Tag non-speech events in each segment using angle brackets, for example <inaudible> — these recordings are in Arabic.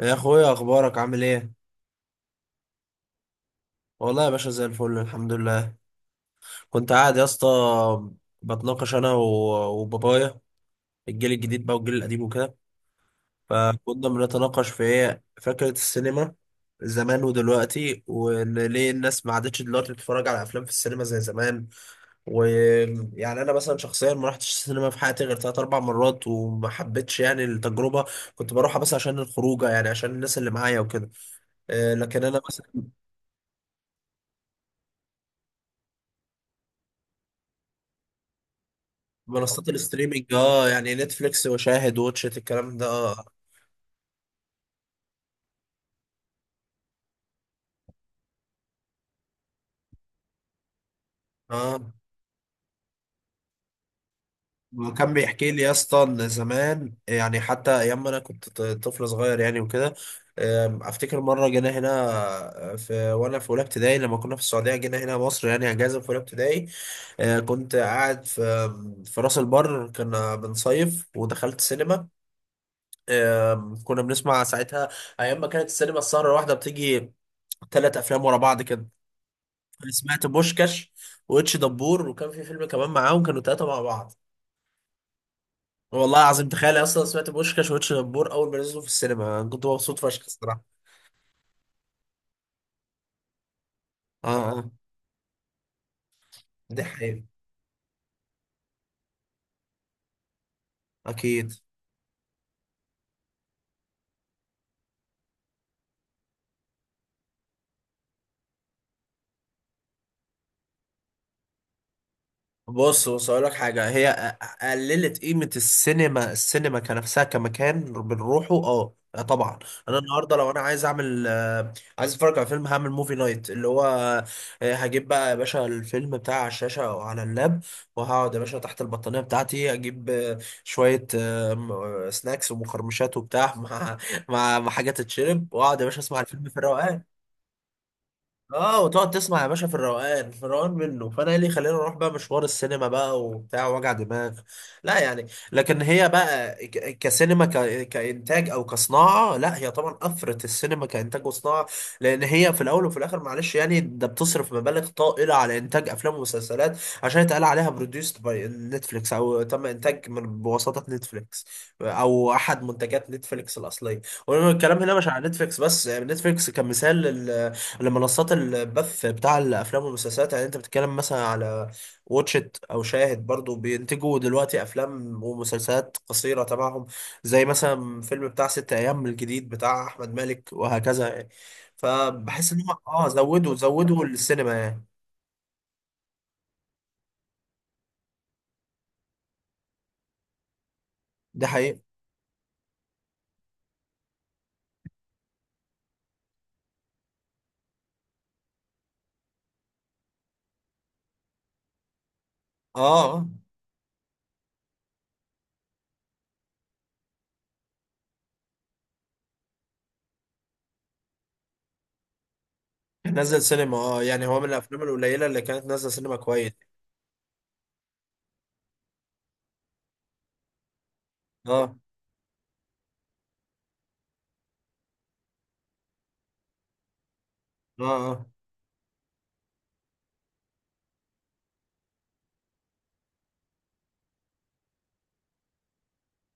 يا اخويا، اخبارك عامل ايه؟ والله يا باشا، زي الفل الحمد لله. كنت قاعد يا اسطى، بتناقش انا وبابايا، الجيل الجديد بقى والجيل القديم وكده. فكنا بنتناقش في ايه؟ فكرة السينما زمان ودلوقتي، وان ليه الناس ما عادتش دلوقتي بتتفرج على افلام في السينما زي زمان. ويعني انا مثلا شخصيا ما رحتش السينما في حياتي غير ثلاث اربع مرات، وما حبيتش يعني التجربة. كنت بروحها بس عشان الخروجه، يعني عشان الناس اللي معايا وكده. لكن انا منصات الستريمينج، اه يعني نتفليكس وشاهد واتشت، الكلام ده اه. اه، وكان بيحكي لي يا اسطى ان زمان يعني حتى ايام ما انا كنت طفل صغير يعني وكده. افتكر مره جينا هنا، في وانا في اولى ابتدائي لما كنا في السعوديه جينا هنا مصر، يعني اجازه في اولى ابتدائي. كنت قاعد في في راس البر، كنا بنصيف ودخلت سينما. كنا بنسمع ساعتها ايام ما كانت السينما السهره الواحده بتيجي ثلاث افلام ورا بعض كده. انا سمعت بوشكاش واتش دبور، وكان في فيلم كمان معاهم، كانوا ثلاثه مع بعض. والله العظيم تخيل، اصلا سمعت بوشكاش واتش دبور اول ما نزلوا في السينما أنا كنت مبسوط فشخ الصراحه. اه اه، دي حقيقة اكيد. بص اقول لك حاجه، هي قللت قيمه السينما، السينما كنفسها كمكان بنروحه، اه آه طبعا. انا النهارده لو انا عايز اعمل عايز اتفرج على فيلم هعمل موفي نايت، اللي هو هجيب بقى يا باشا الفيلم بتاع على الشاشه او على اللاب، وهقعد يا باشا تحت البطانيه بتاعتي، اجيب شويه سناكس ومقرمشات وبتاع، مع حاجات تتشرب، واقعد يا باشا اسمع الفيلم في الروقان. اه، وتقعد تسمع يا باشا في الروقان، في الروقان منه. فانا ايه اللي يخليني اروح بقى مشوار السينما بقى وبتاع وجع دماغ؟ لا يعني. لكن هي بقى كسينما كانتاج او كصناعه، لا هي طبعا افرت السينما كانتاج وصناعه، لان هي في الاول وفي الاخر معلش يعني ده بتصرف مبالغ طائله على انتاج افلام ومسلسلات عشان يتقال عليها بروديوست باي نتفليكس، او تم انتاج من بواسطه نتفليكس، او احد منتجات نتفليكس الاصليه. والكلام هنا مش على نتفليكس بس، يعني نتفليكس كمثال لمنصات البث بتاع الافلام والمسلسلات. يعني انت بتتكلم مثلا على واتشت او شاهد، برضو بينتجوا دلوقتي افلام ومسلسلات قصيره تبعهم، زي مثلا فيلم بتاع ست ايام الجديد بتاع احمد مالك وهكذا يعني. فبحس ان هم اه زودوا السينما يعني. ده حقيقي. اه آه. نزل سينما، اه يعني هو من الافلام القليله اللي كانت نازله سينما كويس. اه اه اه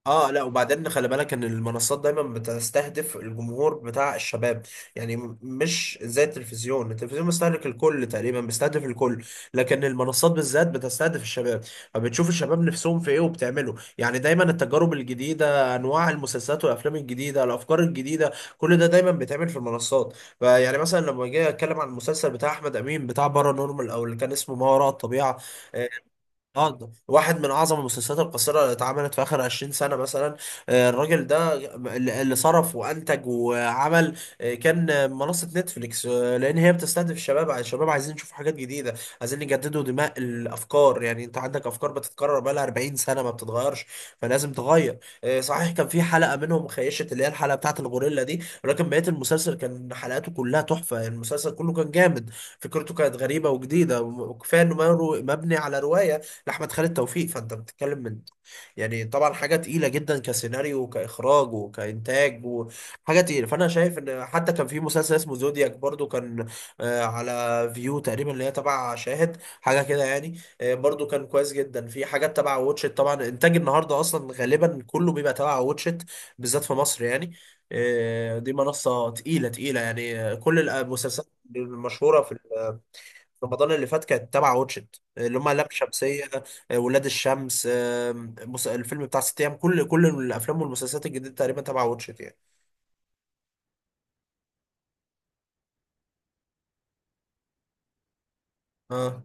اه. لا وبعدين خلي بالك ان المنصات دايما بتستهدف الجمهور بتاع الشباب، يعني مش زي التلفزيون، التلفزيون بيستهلك الكل تقريبا، بيستهدف الكل. لكن المنصات بالذات بتستهدف الشباب، فبتشوف الشباب نفسهم في ايه وبتعمله، يعني دايما التجارب الجديده، انواع المسلسلات والافلام الجديده، الافكار الجديده، كل ده دايما بيتعمل في المنصات. فيعني مثلا لما جاي اتكلم عن المسلسل بتاع احمد امين بتاع بارانورمال، او اللي كان اسمه ما وراء الطبيعه، اه ده واحد من اعظم المسلسلات القصيره اللي اتعملت في اخر 20 سنه مثلا. الراجل ده اللي صرف وانتج وعمل، كان منصه نتفليكس، لان هي بتستهدف الشباب، الشباب عايزين يشوفوا حاجات جديده، عايزين يجددوا دماء الافكار. يعني انت عندك افكار بتتكرر بقالها 40 سنه ما بتتغيرش، فلازم تغير. صحيح كان في حلقه منهم خيشت، اللي هي الحلقه بتاعت الغوريلا دي، ولكن بقيه المسلسل كان حلقاته كلها تحفه، المسلسل كله كان جامد. فكرته كانت غريبه وجديده، وكفايه انه مبني على روايه لاحمد خالد توفيق. فانت بتتكلم من، يعني طبعا حاجه تقيله جدا كسيناريو وكاخراج وكانتاج، وحاجه تقيله. فانا شايف ان حتى كان في مسلسل اسمه زودياك برضو كان على فيو تقريبا، اللي هي تبع شاهد حاجه كده يعني. برضو كان كويس جدا. في حاجات تبع واتشت طبعا، انتاج النهارده اصلا غالبا كله بيبقى تبع واتشت، بالذات في مصر يعني. دي منصه تقيله تقيله يعني. كل المسلسلات المشهوره في رمضان اللي فات كانت تبع واتشت، اللي هم لام شمسية، ولاد الشمس، الفيلم بتاع ست ايام، كل كل الافلام والمسلسلات الجديدة تقريبا تبع واتشت يعني. اه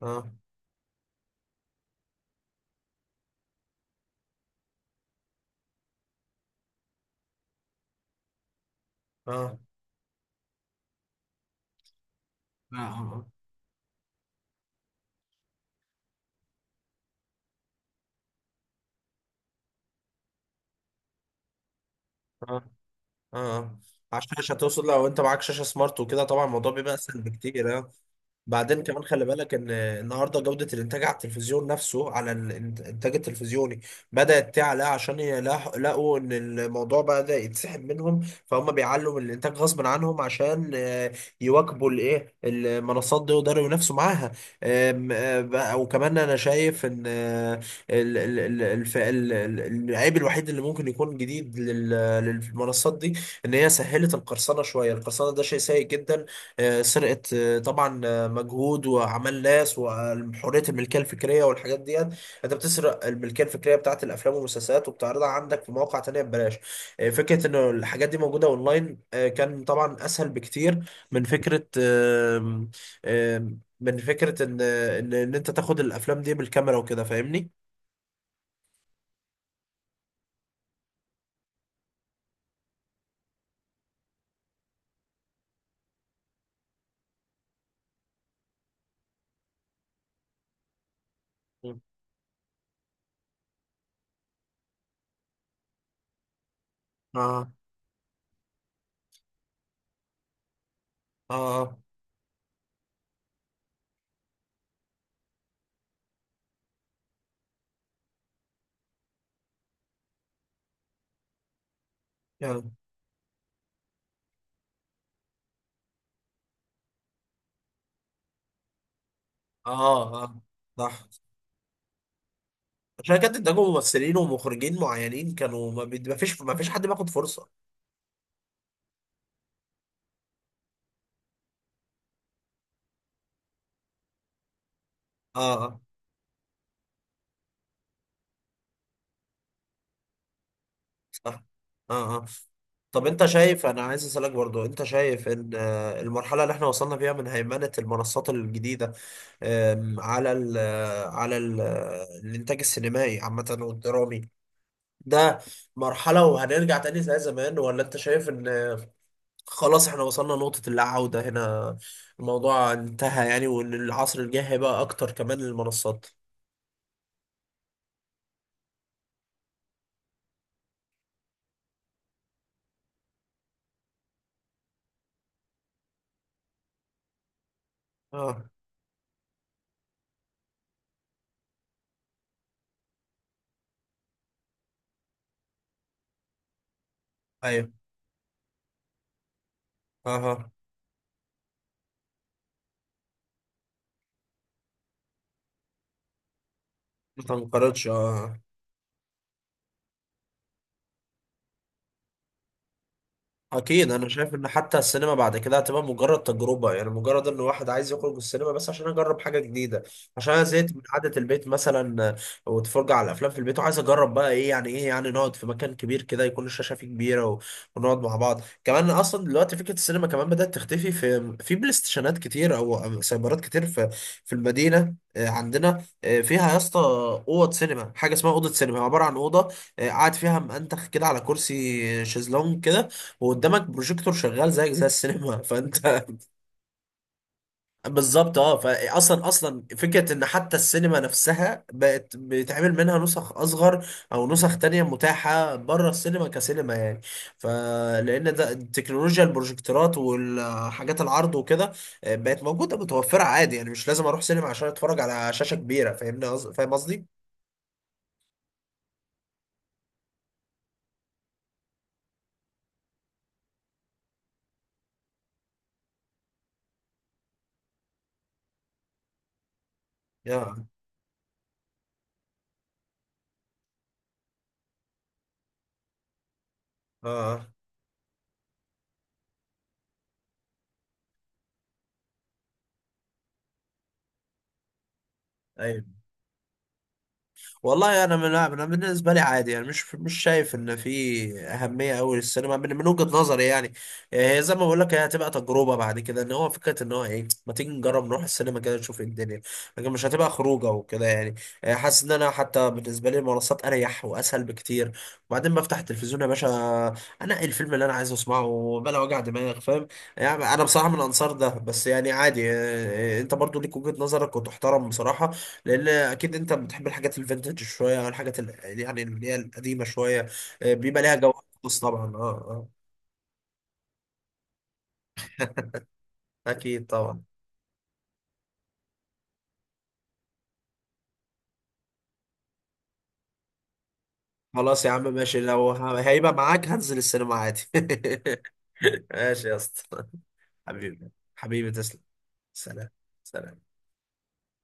اه اه آه. اه اه، عشان عشان توصل، لو انت معاك شاشة سمارت وكده طبعا الموضوع بيبقى اسهل بكتير آه. بعدين كمان خلي بالك ان النهارده جوده الانتاج على التلفزيون نفسه، على الانتاج التلفزيوني، بدات تعلى عشان لقوا ان الموضوع بدا يتسحب منهم، فهم بيعلوا من الانتاج غصب عنهم عشان يواكبوا الايه المنصات دي ويقدروا ينافسوا معاها. وكمان انا شايف ان ال- ال- ال- الف- ال- ال- العيب الوحيد اللي ممكن يكون جديد للمنصات دي، ان هي سهلت القرصنه شويه. القرصنه ده شيء سيء جدا، سرقة طبعا مجهود وعمل ناس وحريه الملكيه الفكريه والحاجات دي، انت بتسرق الملكيه الفكريه بتاعت الافلام والمسلسلات وبتعرضها عندك في مواقع تانية ببلاش. فكره ان الحاجات دي موجوده اونلاين كان طبعا اسهل بكتير من فكره، آم، آم، من فكره ان إن انت تاخد الافلام دي بالكاميرا وكده، فاهمني. مم. اه اه، يعني اه اه، صح. عشان كده انتجوا ممثلين ومخرجين معينين كانوا، ما فيش حد بياخد فرصه. اه آه. صح اه اه. طب انت شايف، انا عايز اسالك برضو، انت شايف ان المرحله اللي احنا وصلنا فيها من هيمنه المنصات الجديده، على ال آه، على ال آه، الانتاج السينمائي عامه والدرامي ده، مرحله وهنرجع تاني زي زمان؟ ولا انت شايف ان خلاص احنا وصلنا نقطه اللا عوده هنا، الموضوع انتهى يعني، وان العصر الجاي هيبقى اكتر كمان للمنصات؟ اه ايوه اها. ما تنقرضش اه. اكيد، انا شايف ان حتى السينما بعد كده هتبقى مجرد تجربه، يعني مجرد ان واحد عايز يخرج السينما بس عشان اجرب حاجه جديده، عشان انا زهقت من قعده البيت مثلا. واتفرج على الافلام في البيت، وعايز اجرب بقى ايه يعني، ايه يعني نقعد في مكان كبير كده يكون الشاشه فيه كبيره ونقعد مع بعض كمان. اصلا دلوقتي فكره السينما كمان بدات تختفي، في في بلاي ستيشنات كتير او أو سايبرات كتير. في في المدينه عندنا فيها يا اسطى اوض سينما، حاجه اسمها اوضه سينما، عباره عن اوضه قاعد فيها منتخ كده على كرسي شيزلونج كده، وقدامك بروجيكتور شغال زيك زي السينما <laughs> فانت بالظبط اه. فاصلا اصلا فكره ان حتى السينما نفسها بقت بيتعمل منها نسخ اصغر، او نسخ تانية متاحه بره السينما كسينما يعني، فلان ده تكنولوجيا البروجيكتورات والحاجات العرض وكده بقت موجوده متوفره عادي، يعني مش لازم اروح سينما عشان اتفرج على شاشه كبيره. فاهمني فاهم قصدي؟ يا اه آه. ايوه. والله انا من، انا بالنسبه لي عادي يعني، مش شايف ان في اهميه قوي للسينما من، من وجهه نظري يعني. هي زي ما بقول لك، هي هتبقى تجربه بعد كده، ان هو فكره ان هو ايه، ما تيجي نجرب نروح السينما كده نشوف إيه الدنيا، لكن مش هتبقى خروجه وكده يعني. حاسس ان انا حتى بالنسبه لي المنصات اريح واسهل بكتير، وبعدين بفتح التلفزيون يا باشا انقي الفيلم اللي انا عايز اسمعه بلا وجع دماغ، فاهم يعني. انا بصراحه من انصار ده، بس يعني عادي انت برضو ليك وجهه نظرك وتحترم بصراحه، لان اكيد انت بتحب الحاجات الفينتج شويه، او الحاجات يعني اللي هي القديمه شويه، بيبقى ليها جو خاص طبعا. اه اه اكيد طبعا. خلاص يا عم ماشي، لو هيبقى معاك هنزل السينما عادي <laughs> ماشي يا اسطى. حبيبي، حبيبي تسلم. سلام. سلام.